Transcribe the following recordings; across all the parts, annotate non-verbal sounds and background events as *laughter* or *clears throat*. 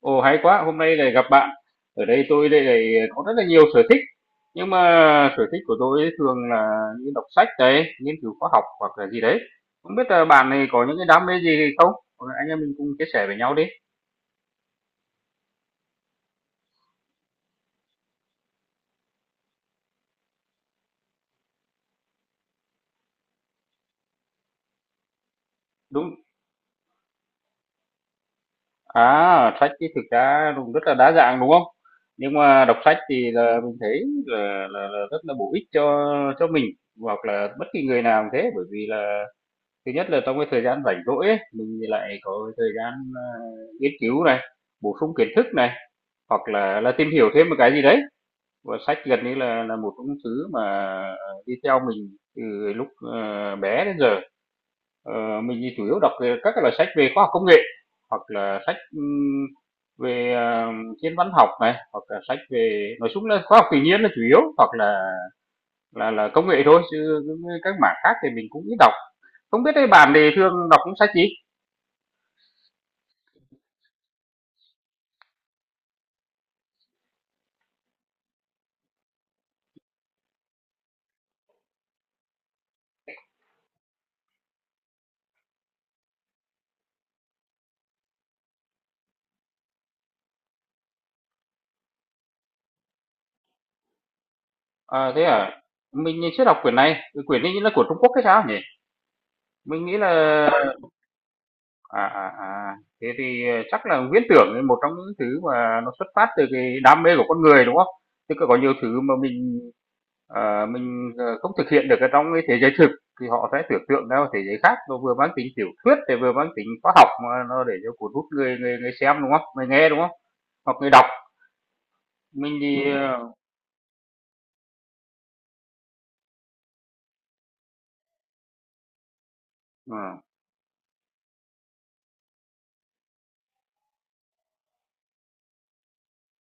Ồ, hay quá, hôm nay lại gặp bạn. Ở đây tôi đây lại có rất là nhiều sở thích. Nhưng mà sở thích của tôi ấy thường là như đọc sách đấy, nghiên cứu khoa học hoặc là gì đấy. Không biết là bạn này có những cái đam mê gì không? Hoặc là anh em mình cùng chia sẻ với nhau đi. Đúng. À, sách thì thực ra cũng rất là đa dạng đúng không? Nhưng mà đọc sách thì là mình thấy là rất là bổ ích cho mình hoặc là bất kỳ người nào cũng thế, bởi vì là thứ nhất là trong cái thời gian rảnh rỗi ấy, mình thì lại có thời gian, nghiên cứu này, bổ sung kiến thức này, hoặc là tìm hiểu thêm một cái gì đấy. Và sách gần như là một trong thứ mà, đi theo mình từ lúc, bé đến giờ. Mình thì chủ yếu đọc các cái loại sách về khoa học công nghệ, hoặc là sách, về, thiên văn học này, hoặc là sách về nói chung là khoa học tự nhiên là chủ yếu, hoặc là công nghệ thôi, chứ các mảng khác thì mình cũng ít đọc. Không biết ấy bạn thì thường đọc những sách gì? À, thế à? Mình chưa đọc quyển này, cái quyển ấy là của Trung Quốc hay sao nhỉ? Mình nghĩ là à, à, à. Thế thì chắc là viễn tưởng là một trong những thứ mà nó xuất phát từ cái đam mê của con người đúng không? Chứ còn có nhiều thứ mà mình không thực hiện được ở trong cái thế giới thực, thì họ sẽ tưởng tượng ra một thế giới khác, nó vừa mang tính tiểu thuyết thì vừa mang tính khoa học mà nó để cho cuốn hút người người người xem đúng không? Người nghe đúng không? Hoặc người đọc. Mình thì à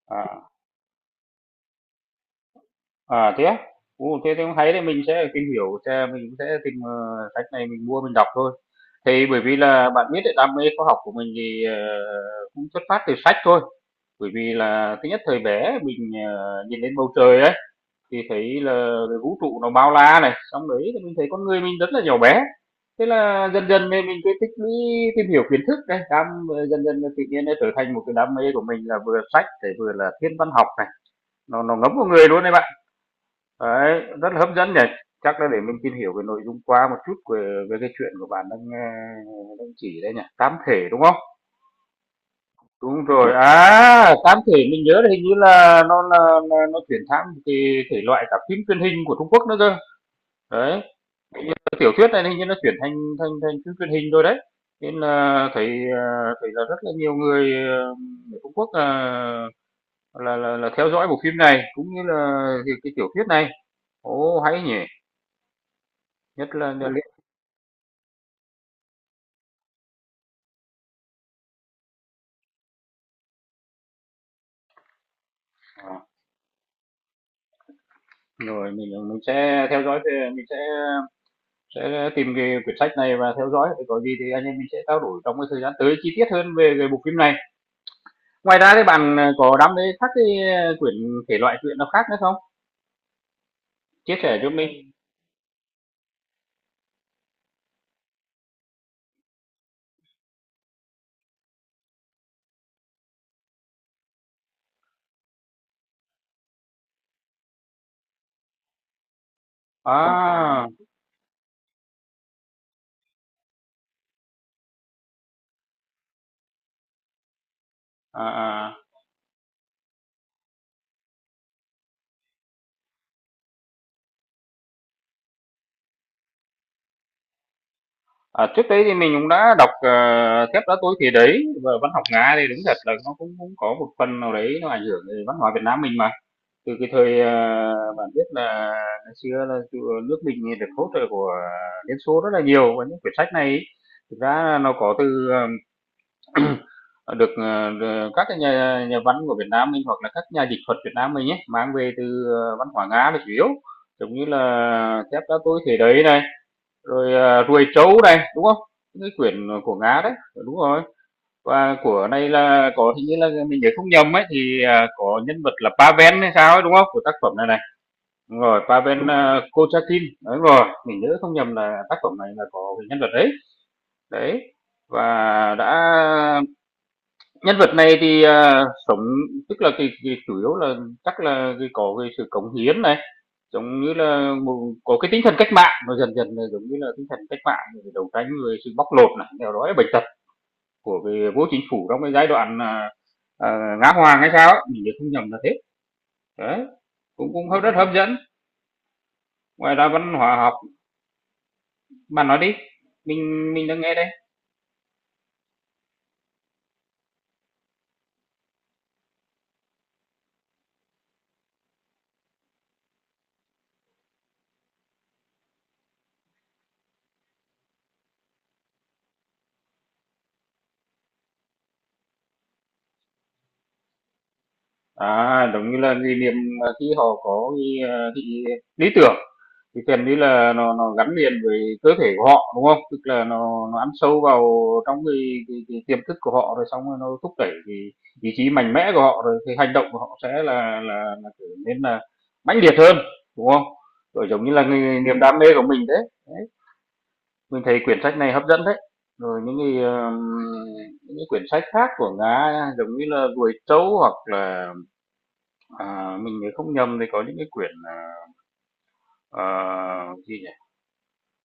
ừ. À, thế á? Ồ, thế thì cũng hay đấy, mình sẽ tìm hiểu xem, mình cũng sẽ tìm, sách này mình mua mình đọc thôi. Thì bởi vì là bạn biết đấy, đam mê khoa học của mình thì, cũng xuất phát từ sách thôi. Bởi vì là thứ nhất thời bé mình, nhìn lên bầu trời ấy, thì thấy là vũ trụ nó bao la này, xong đấy thì mình thấy con người mình rất là nhỏ bé. Thế là dần dần thì mình cứ tích lũy tìm hiểu kiến thức này, đam dần dần là tự nhiên nó trở thành một cái đam mê của mình là vừa sách, để vừa là thiên văn học này, nó ngấm vào người luôn đấy bạn. Đấy, rất là hấp dẫn nhỉ. Chắc là để mình tìm hiểu về nội dung qua một chút về, về cái chuyện của bạn đang đang chỉ đây nhỉ. Tám thể đúng không? Đúng rồi. À, tám thể mình nhớ là hình như là nó chuyển sang một cái thể loại cả phim truyền hình của Trung Quốc nữa cơ. Đấy, cái tiểu thuyết này hình như nó chuyển thành thành thành phim truyền hình rồi đấy. Nên là thấy thấy là rất là nhiều người ở Trung Quốc là, là theo dõi bộ phim này cũng như là cái tiểu thuyết này. Ồ hay nhỉ. Nhất là liên- Rồi mình sẽ theo dõi về mình sẽ tìm cái quyển sách này và theo dõi, rồi có gì thì anh em mình sẽ trao đổi trong cái thời gian tới chi tiết hơn về về bộ phim này. Ngoài ra thì bạn, có đam mê các cái, quyển thể loại truyện nào khác nữa không? Chia sẻ cho mình. À, à, à, à, trước đấy thì mình cũng đã đọc, Thép Đá Tối thì Đấy, và văn học Nga thì đúng thật là nó cũng cũng có một phần nào đấy nó ảnh hưởng về văn hóa Việt Nam mình mà. Từ cái thời, à, bạn biết là ngày xưa là nước mình được hỗ trợ của Liên Xô rất là nhiều, và những quyển sách này ấy, thực ra nó có từ được, các cái nhà nhà văn của Việt Nam mình hoặc là các nhà dịch thuật Việt Nam mình nhé, mang về từ, văn hóa Nga là chủ yếu, giống như là Thép Đá Tôi Thể Đấy này, rồi, à, Ruồi Trấu này, đúng không? Những cái quyển của Nga đấy, đúng rồi. Và của này là có hình như là mình nhớ không nhầm ấy thì, à, có nhân vật là Pavel hay sao ấy, đúng không? Của tác phẩm này này. Đúng rồi, Pavel, à, Kochakin, đúng rồi, mình nhớ không nhầm là tác phẩm này là có cái nhân vật đấy, đấy, và đã nhân vật này thì à, sống, tức là cái chủ yếu là chắc là cái có cái sự cống hiến này, giống như là một, có cái tinh thần cách mạng, nó dần dần là giống như là tinh thần cách mạng để đấu tranh với sự bóc lột này, nghèo đói bệnh tật của cái vô chính phủ trong cái giai đoạn à, à, Ngã Hoàng hay sao, ấy, mình nhớ không nhầm là thế, đấy, cũng cũng rất hấp dẫn, ngoài ra văn hóa học Bạn nói đi, mình đang nghe đây. À, giống như là gì niệm mà khi họ có cái, cái lý tưởng thì gần như là nó gắn liền với cơ thể của họ đúng không? Tức là nó ăn sâu vào trong cái tiềm thức của họ rồi xong rồi nó thúc đẩy cái ý chí mạnh mẽ của họ rồi cái hành động của họ sẽ là trở nên là mãnh liệt hơn đúng không? Rồi giống như là cái niềm đam mê của mình đấy. Mình thấy quyển sách này hấp dẫn đấy. Rồi những cái quyển sách khác của Nga giống như là Ruồi trấu hoặc là, à, mình nhớ không nhầm thì có những cái quyển, ờ, gì nhỉ?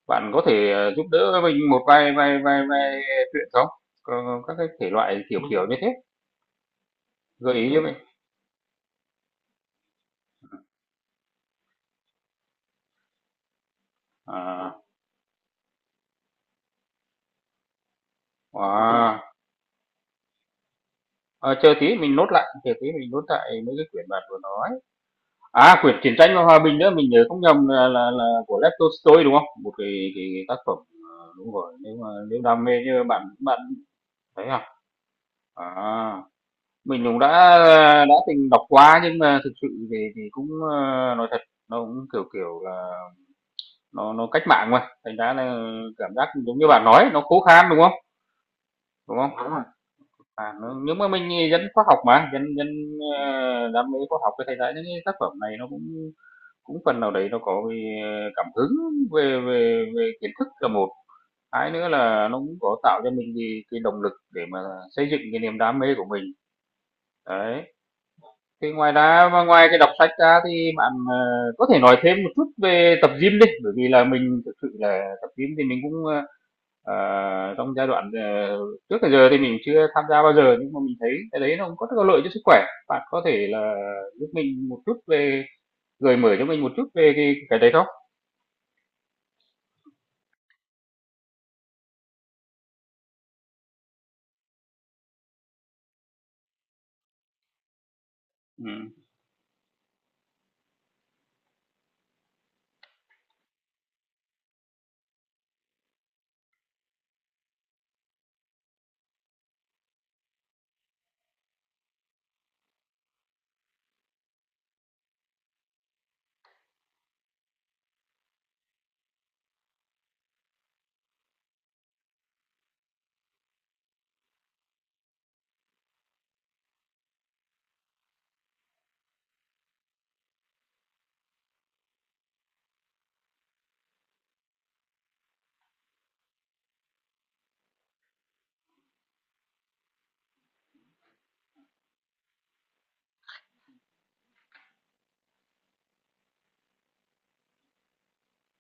Bạn có thể, giúp đỡ mình một vài vài vài vài truyện không? Có các cái thể loại kiểu, kiểu như thế, gợi ý cho mình. À, wow! Ờ, chờ tí mình nốt lại, chờ tí mình nốt lại mấy cái quyển bạn vừa nói. À, quyển Chiến tranh và Hòa bình nữa, mình nhớ không nhầm là của Lev Tolstoy, đúng không? Một cái tác phẩm, đúng rồi, nếu mà nếu đam mê như bạn bạn thấy à? À, mình cũng đã từng đọc qua nhưng mà thực sự thì cũng, nói thật, nó cũng, kiểu kiểu là, nó cách mạng mà, thành ra là cảm giác giống như bạn nói, nó khô khan, đúng không? Đúng không? Đúng rồi. À, n nếu mà mình dân khoa học mà, dân dân, đam mê khoa học thì thành ra những cái tác phẩm này nó cũng cũng phần nào đấy nó có cảm hứng về về về kiến thức là một, hai nữa là nó cũng có tạo cho mình cái động lực để mà xây dựng cái niềm đam mê của mình. Đấy, thì ngoài ra mà ngoài cái đọc sách ra thì bạn, có thể nói thêm một chút về tập gym đi, bởi vì là mình thực sự là tập gym thì mình cũng, trong giai đoạn, trước tới giờ thì mình chưa tham gia bao giờ, nhưng mà mình thấy cái đấy nó cũng có rất là lợi cho sức khỏe. Bạn có thể là giúp mình một chút về gợi mở cho mình một chút về cái đấy không? Ừm.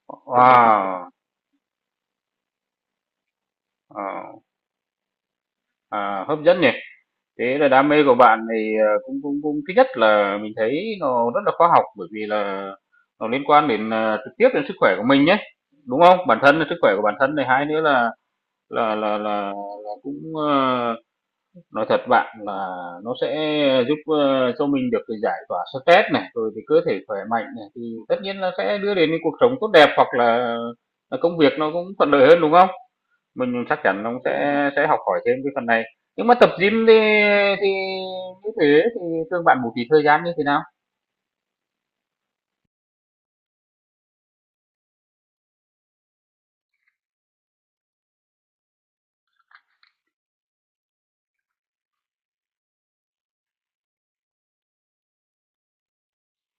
Wow, ờ, à, hấp dẫn nhỉ. Thế là đam mê của bạn thì ờ, cũng cũng cũng thứ nhất là mình thấy nó rất là khoa học bởi vì là nó liên quan đến trực tiếp đến sức khỏe của mình nhé, đúng không? Bản thân là sức khỏe của bản thân này, hai nữa là là là là, là cũng nói thật bạn là nó sẽ giúp cho mình được cái giải tỏa stress này, rồi thì cơ thể khỏe mạnh này thì tất nhiên là sẽ đưa đến cái cuộc sống tốt đẹp hoặc là công việc nó cũng thuận lợi hơn đúng không? Mình chắc chắn nó sẽ học hỏi thêm cái phần này. Nhưng mà tập gym thì thì như thế thì thường bạn bố trí thời gian như thế nào?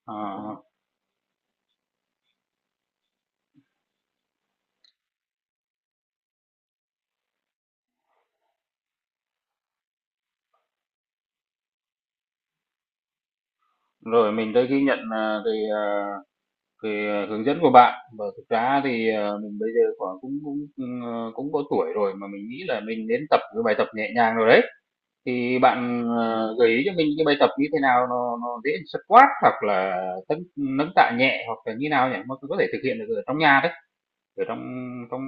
Ờ, rồi mình đây ghi nhận, à, cái hướng dẫn của bạn, và thực ra thì, mình bây giờ khoảng cũng cũng, cũng có tuổi rồi mà mình nghĩ là mình nên tập cái bài tập nhẹ nhàng rồi đấy. Thì bạn, gợi ý cho mình cái bài tập như thế nào nó dễ squat hoặc là tấn nâng tạ nhẹ hoặc là như nào nhỉ? Mà có thể thực hiện được ở trong nhà đấy. Ở trong trong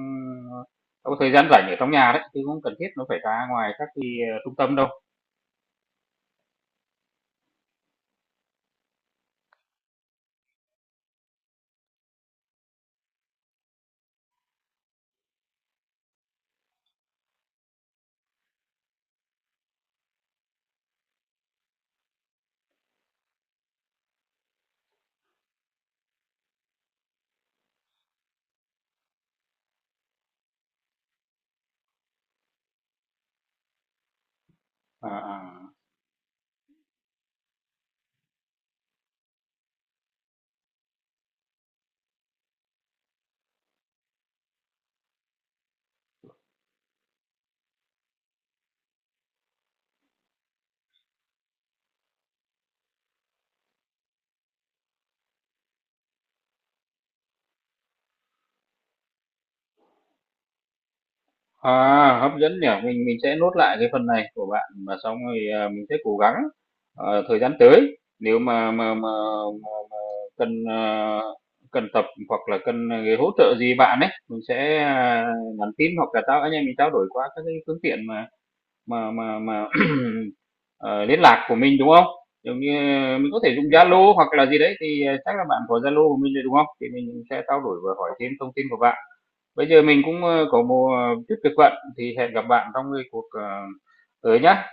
trong thời gian rảnh ở trong nhà đấy chứ không cần thiết nó phải ra ngoài các cái trung tâm đâu. À, à. À, hấp dẫn nhỉ, mình sẽ nốt lại cái phần này của bạn và xong rồi à, mình sẽ cố gắng thời gian tới nếu mà cần cần tập hoặc là cần cái hỗ trợ gì bạn ấy mình sẽ à, nhắn tin hoặc là tao anh em mình trao đổi qua các cái phương tiện mà *clears throat* *laughs* ờ, liên lạc của mình đúng không? Giống như mình có thể dùng Zalo hoặc là gì đấy thì chắc là bạn có Zalo của mình rồi đúng không? Thì mình sẽ trao đổi và hỏi thêm thông tin của bạn. Bây giờ mình cũng có một chút việc bận thì hẹn gặp bạn trong cái cuộc tới nhá.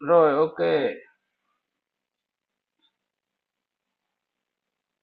Rồi ok.